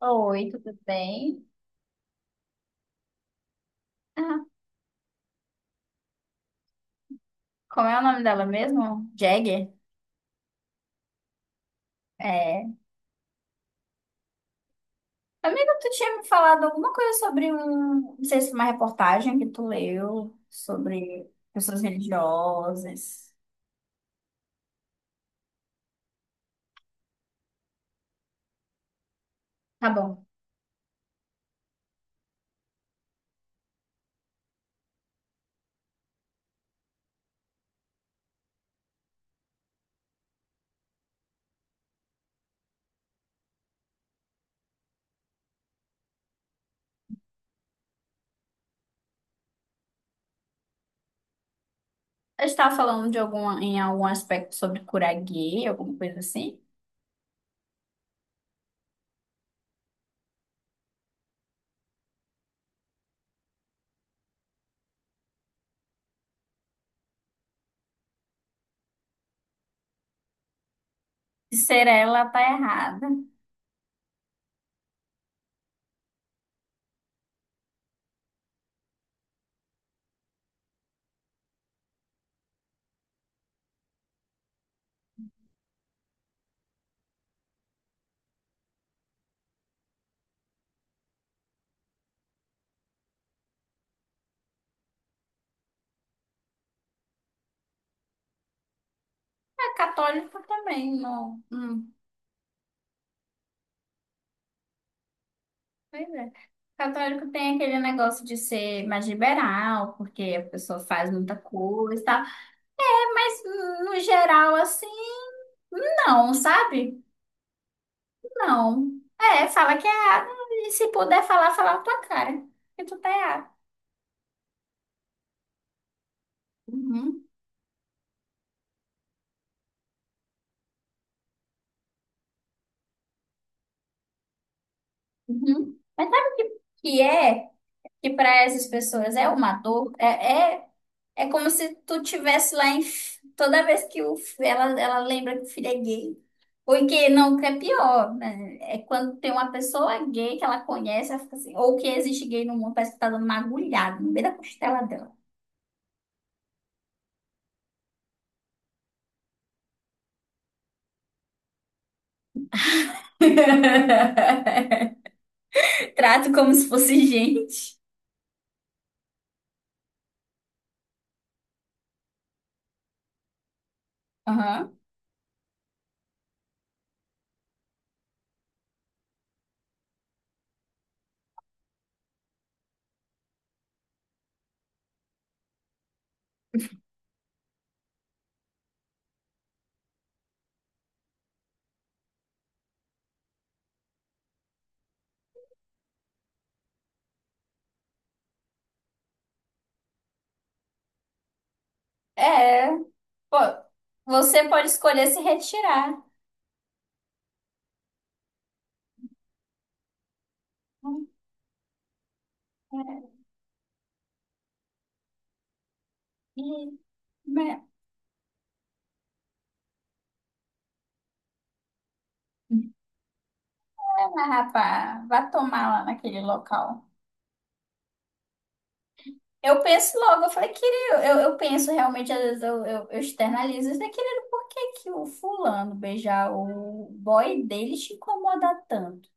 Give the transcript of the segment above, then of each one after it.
Oi, tudo bem? Ah, como é o nome dela mesmo? Jagger? É. Amiga, tu tinha me falado alguma coisa sobre não sei se uma reportagem que tu leu sobre pessoas religiosas. Tá bom. Eu estava falando de alguma, em algum aspecto sobre curar gay, alguma coisa assim. E ser ela tá errada. É católico também, não. Pois é. Católico tem aquele negócio de ser mais liberal, porque a pessoa faz muita coisa, tá? Mas no geral, assim, não, sabe? Não. É, fala que é A. E se puder falar, fala a tua cara. Que tu tá é A. Uhum, uhum. Mas sabe o que, que é? Que pra essas pessoas é uma dor. É, é como se tu tivesse lá em. Toda vez que o, ela lembra que o filho é gay. Ou que não, que é pior, né? É quando tem uma pessoa gay que ela conhece, ela fica assim, ou que existe gay no mundo, parece que tá dando uma agulhada no meio da costela dela. Trato como se fosse gente. Aham. É, pô, você pode escolher se retirar. Ih, né? Ah, rapaz, vá tomar lá naquele local. Eu penso logo, eu falei, querido, eu penso realmente, às vezes eu externalizo, eu falei, querido, por que que o fulano beijar o boy dele te incomoda tanto?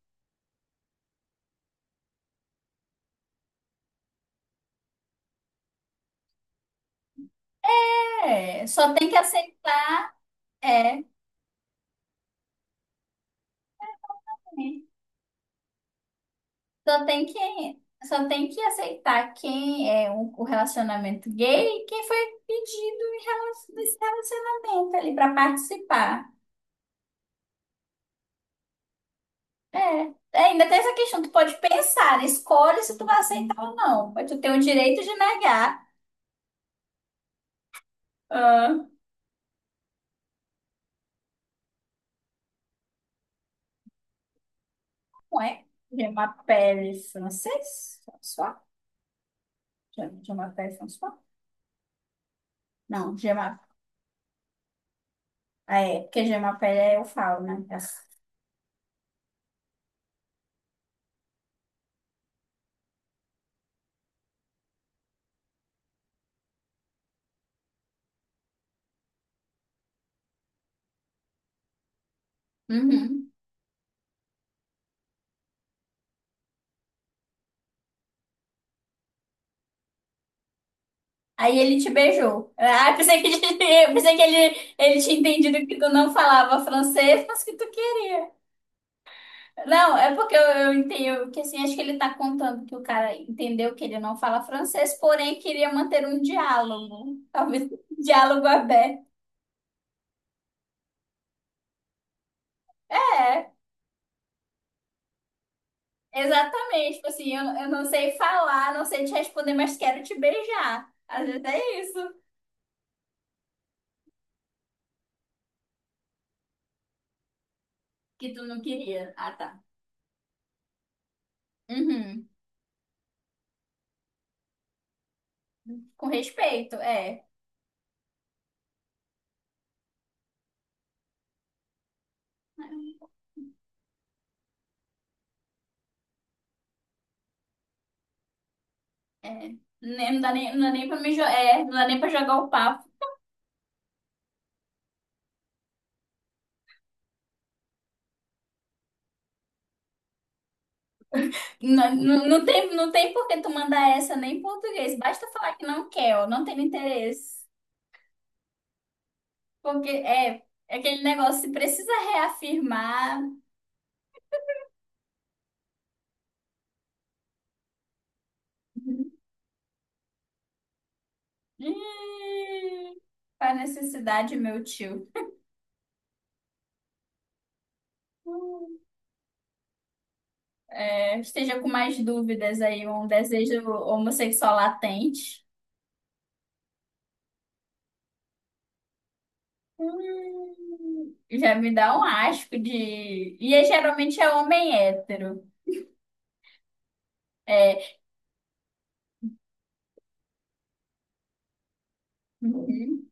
É, só tem que aceitar. É, é. Só tem que, só tem que aceitar quem é o relacionamento gay e quem foi pedido em relação, nesse relacionamento ali para participar. É. É, ainda tem essa questão, tu pode pensar, escolhe se tu vai aceitar ou não, mas tu tem o direito de negar. Ah, não é? Gemapele francês? François? Gemapele François? Não, Gemapele. É, porque Gemapele eu falo, né? Uhum. Aí ele te beijou. Ah, eu pensei que, eu pensei que ele tinha entendido que tu não falava francês, mas que tu queria. Não, é porque eu entendo que assim, acho que ele tá contando que o cara entendeu que ele não fala francês, porém queria manter um diálogo. Talvez um diálogo aberto. É, exatamente. Tipo assim, eu não sei falar, não sei te responder, mas quero te beijar. Às vezes é isso que tu não queria. Ah, tá. Uhum. Com respeito, é. É, né, não dá nem pra é, não dá nem pra jogar o papo. Não, não, não tem, não tem por que tu mandar essa nem em português. Basta falar que não quer, ó, não tem interesse. Porque é, é aquele negócio, se precisa reafirmar. Ih, faz necessidade, meu tio. É, esteja com mais dúvidas aí, um desejo homossexual latente. Já me dá um asco de. E é, geralmente é homem hétero. É.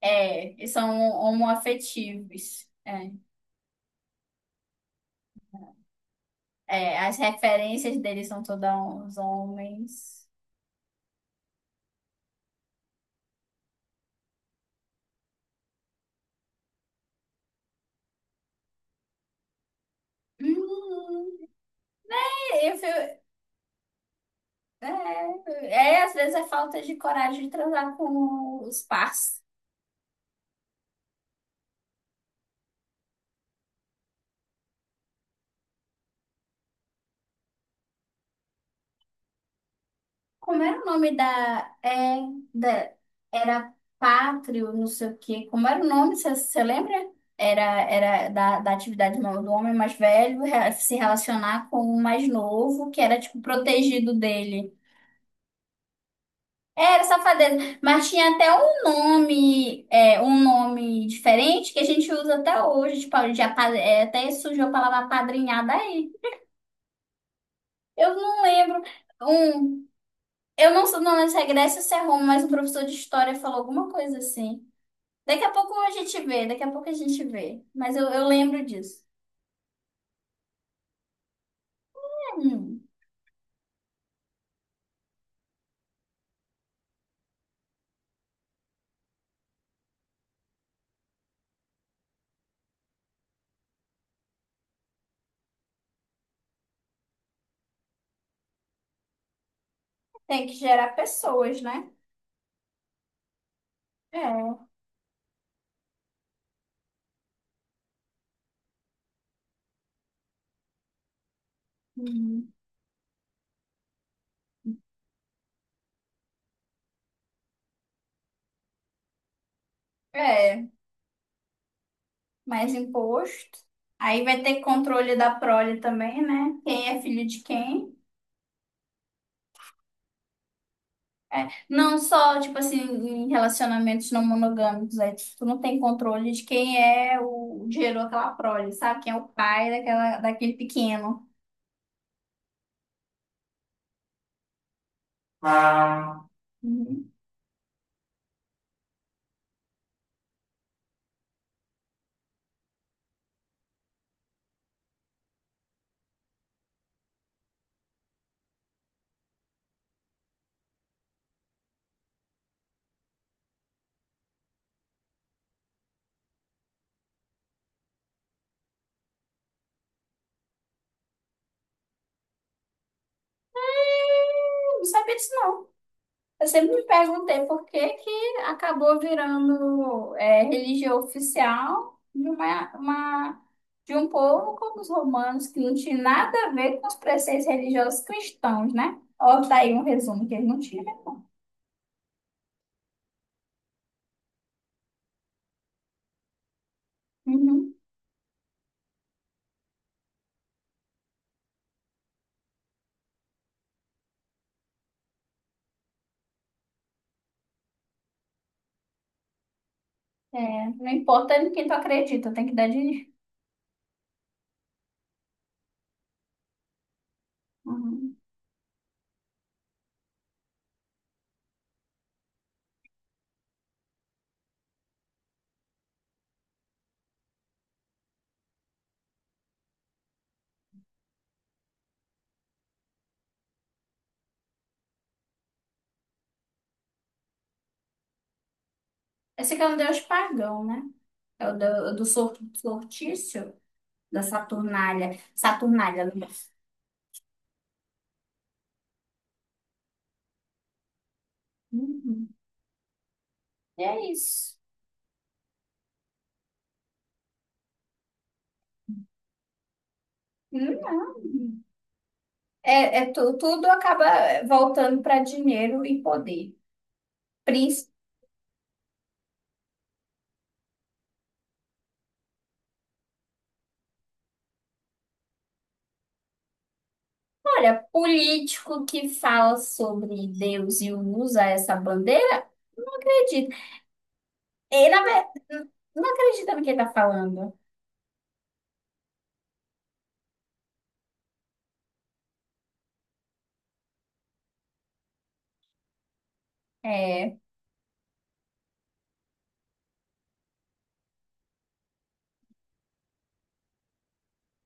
É, eles são homoafetivos. É, é, as referências deles são todos os homens. Hum, é, eu, fui- é, é, às vezes é falta de coragem de transar com os pais. Como era o nome da, é, da era pátrio, não sei o quê. Como era o nome, você lembra? Era, era da, da atividade do homem mais velho se relacionar com o mais novo, que era tipo protegido dele. Era safadeza, mas tinha até um nome, é, um nome diferente que a gente usa até hoje, tipo, já, é, até surgiu a palavra apadrinhada aí. Eu não lembro, um, eu não, sou- não lembro se é Grécia ou se é Roma, mas um professor de história falou alguma coisa assim. Daqui a pouco a gente vê, daqui a pouco a gente vê, mas eu lembro disso. É, hum, tem que gerar pessoas, né? É. Uhum. É, mais imposto. Aí vai ter controle da prole também, né? Quem é filho de quem. É, não só, tipo assim, em relacionamentos não monogâmicos, aí tu não tem controle de quem é o gerou aquela prole, sabe? Quem é o pai daquela, daquele pequeno. Ah. Uhum. Eu não sabia disso, não. Eu sempre me perguntei por que que acabou virando é, religião oficial de, uma- de um povo como os romanos, que não tinha nada a ver com os preceitos religiosos cristãos, né? Ó, tá aí um resumo que eles não tinham. Uhum. É, não importa em quem tu acredita, tem que dar dinheiro. Uhum. Esse aqui é o deus pagão, né? É o do, do sortício da Saturnália. Saturnália, não é? Uhum. E é isso. Não. É, tudo acaba eh, voltando para dinheiro e poder. Príncipe, olha, político que fala sobre Deus e usa essa bandeira, não acredito. Ele, não acredita no que ele está falando. É,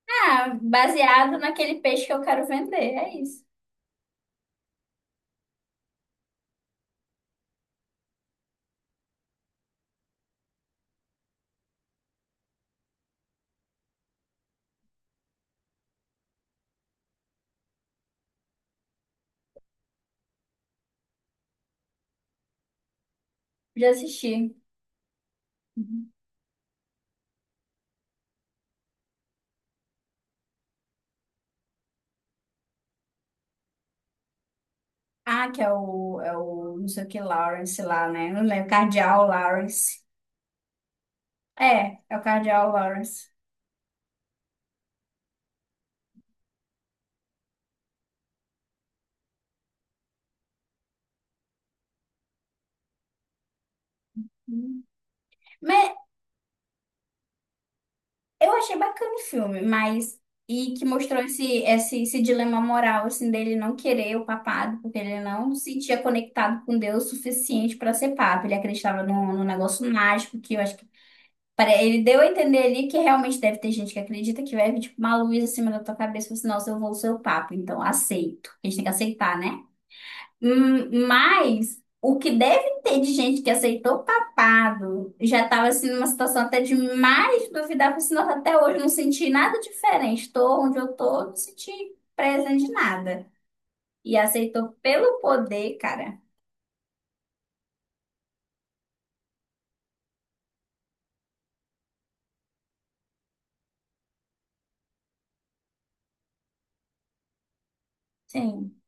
ah, baseado naquele peixe que eu quero vender, é isso. Já assisti. Uhum. Ah, que é o, é o não sei o que Lawrence lá, né? Não lembro, Cardeal Lawrence. É, é o Cardeal Lawrence. Uhum. Eu achei bacana o filme, mas. E que mostrou esse dilema moral, assim, dele não querer o papado, porque ele não se sentia conectado com Deus o suficiente para ser papa. Ele acreditava num negócio mágico, que eu acho que. Ele deu a entender ali que realmente deve ter gente que acredita que vai vir, tipo, uma luz acima da tua cabeça e fala assim, nossa, eu vou ser o papa, então aceito. A gente tem que aceitar, né? Mas o que deve ter de gente que aceitou papado já estava assim numa situação até de mais duvidar, porque senão até hoje eu não senti nada diferente. Estou onde eu estou, não senti presa de nada. E aceitou pelo poder, cara. Sim.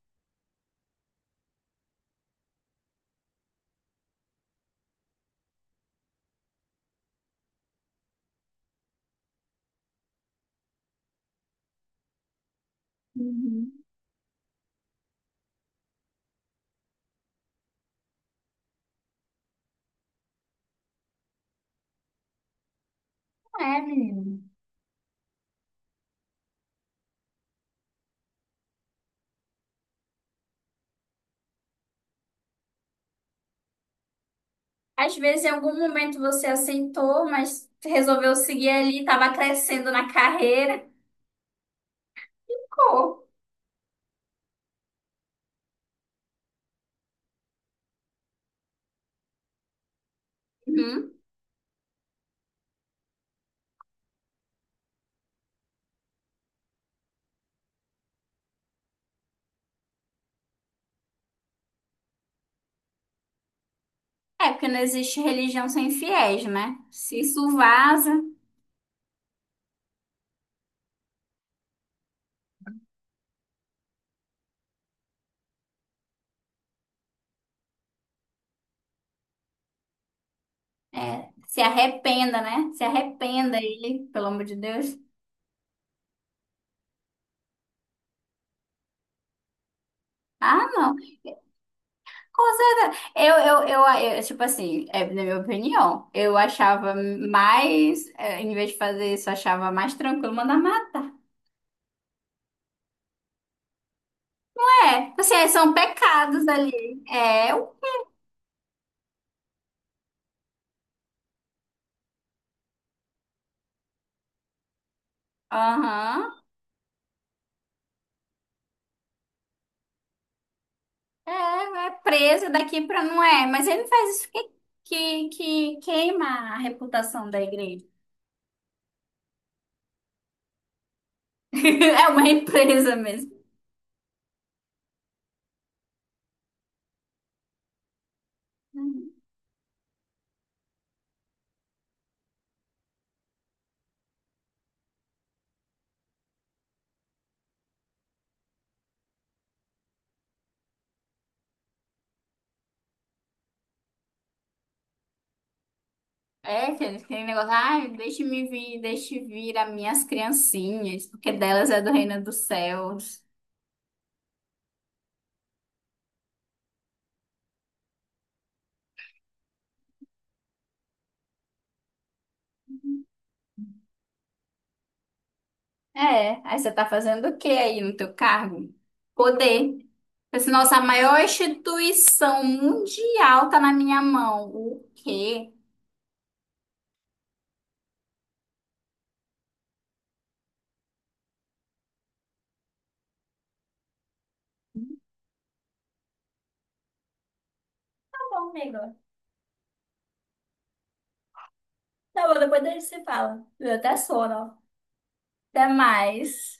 Uhum. Não é, menino. Às vezes, em algum momento você aceitou, mas resolveu seguir ali, estava crescendo na carreira, ficou. Uhum. É, porque não existe religião sem fiéis, né? Se isso vaza. É, se arrependa, né? Se arrependa ele, pelo amor de Deus. Ah, não. Com certeza. Tipo assim, é na minha opinião, eu achava mais, é, em vez de fazer isso, eu achava mais tranquilo mandar matar. É, assim, é, são pecados ali. É, eu- aham. É, é presa daqui pra não é. Mas ele faz isso que queima a reputação da igreja. É uma empresa mesmo. É, que aquele negócio, ai, deixe-me vir, deixe vir as minhas criancinhas, porque delas é do reino dos céus. É, aí você tá fazendo o que aí no teu cargo? Poder. Porque se nossa maior instituição mundial tá na minha mão. O quê? Tá bom, amigo. Tá bom, depois a gente se fala. Eu até sono, ó. Até mais.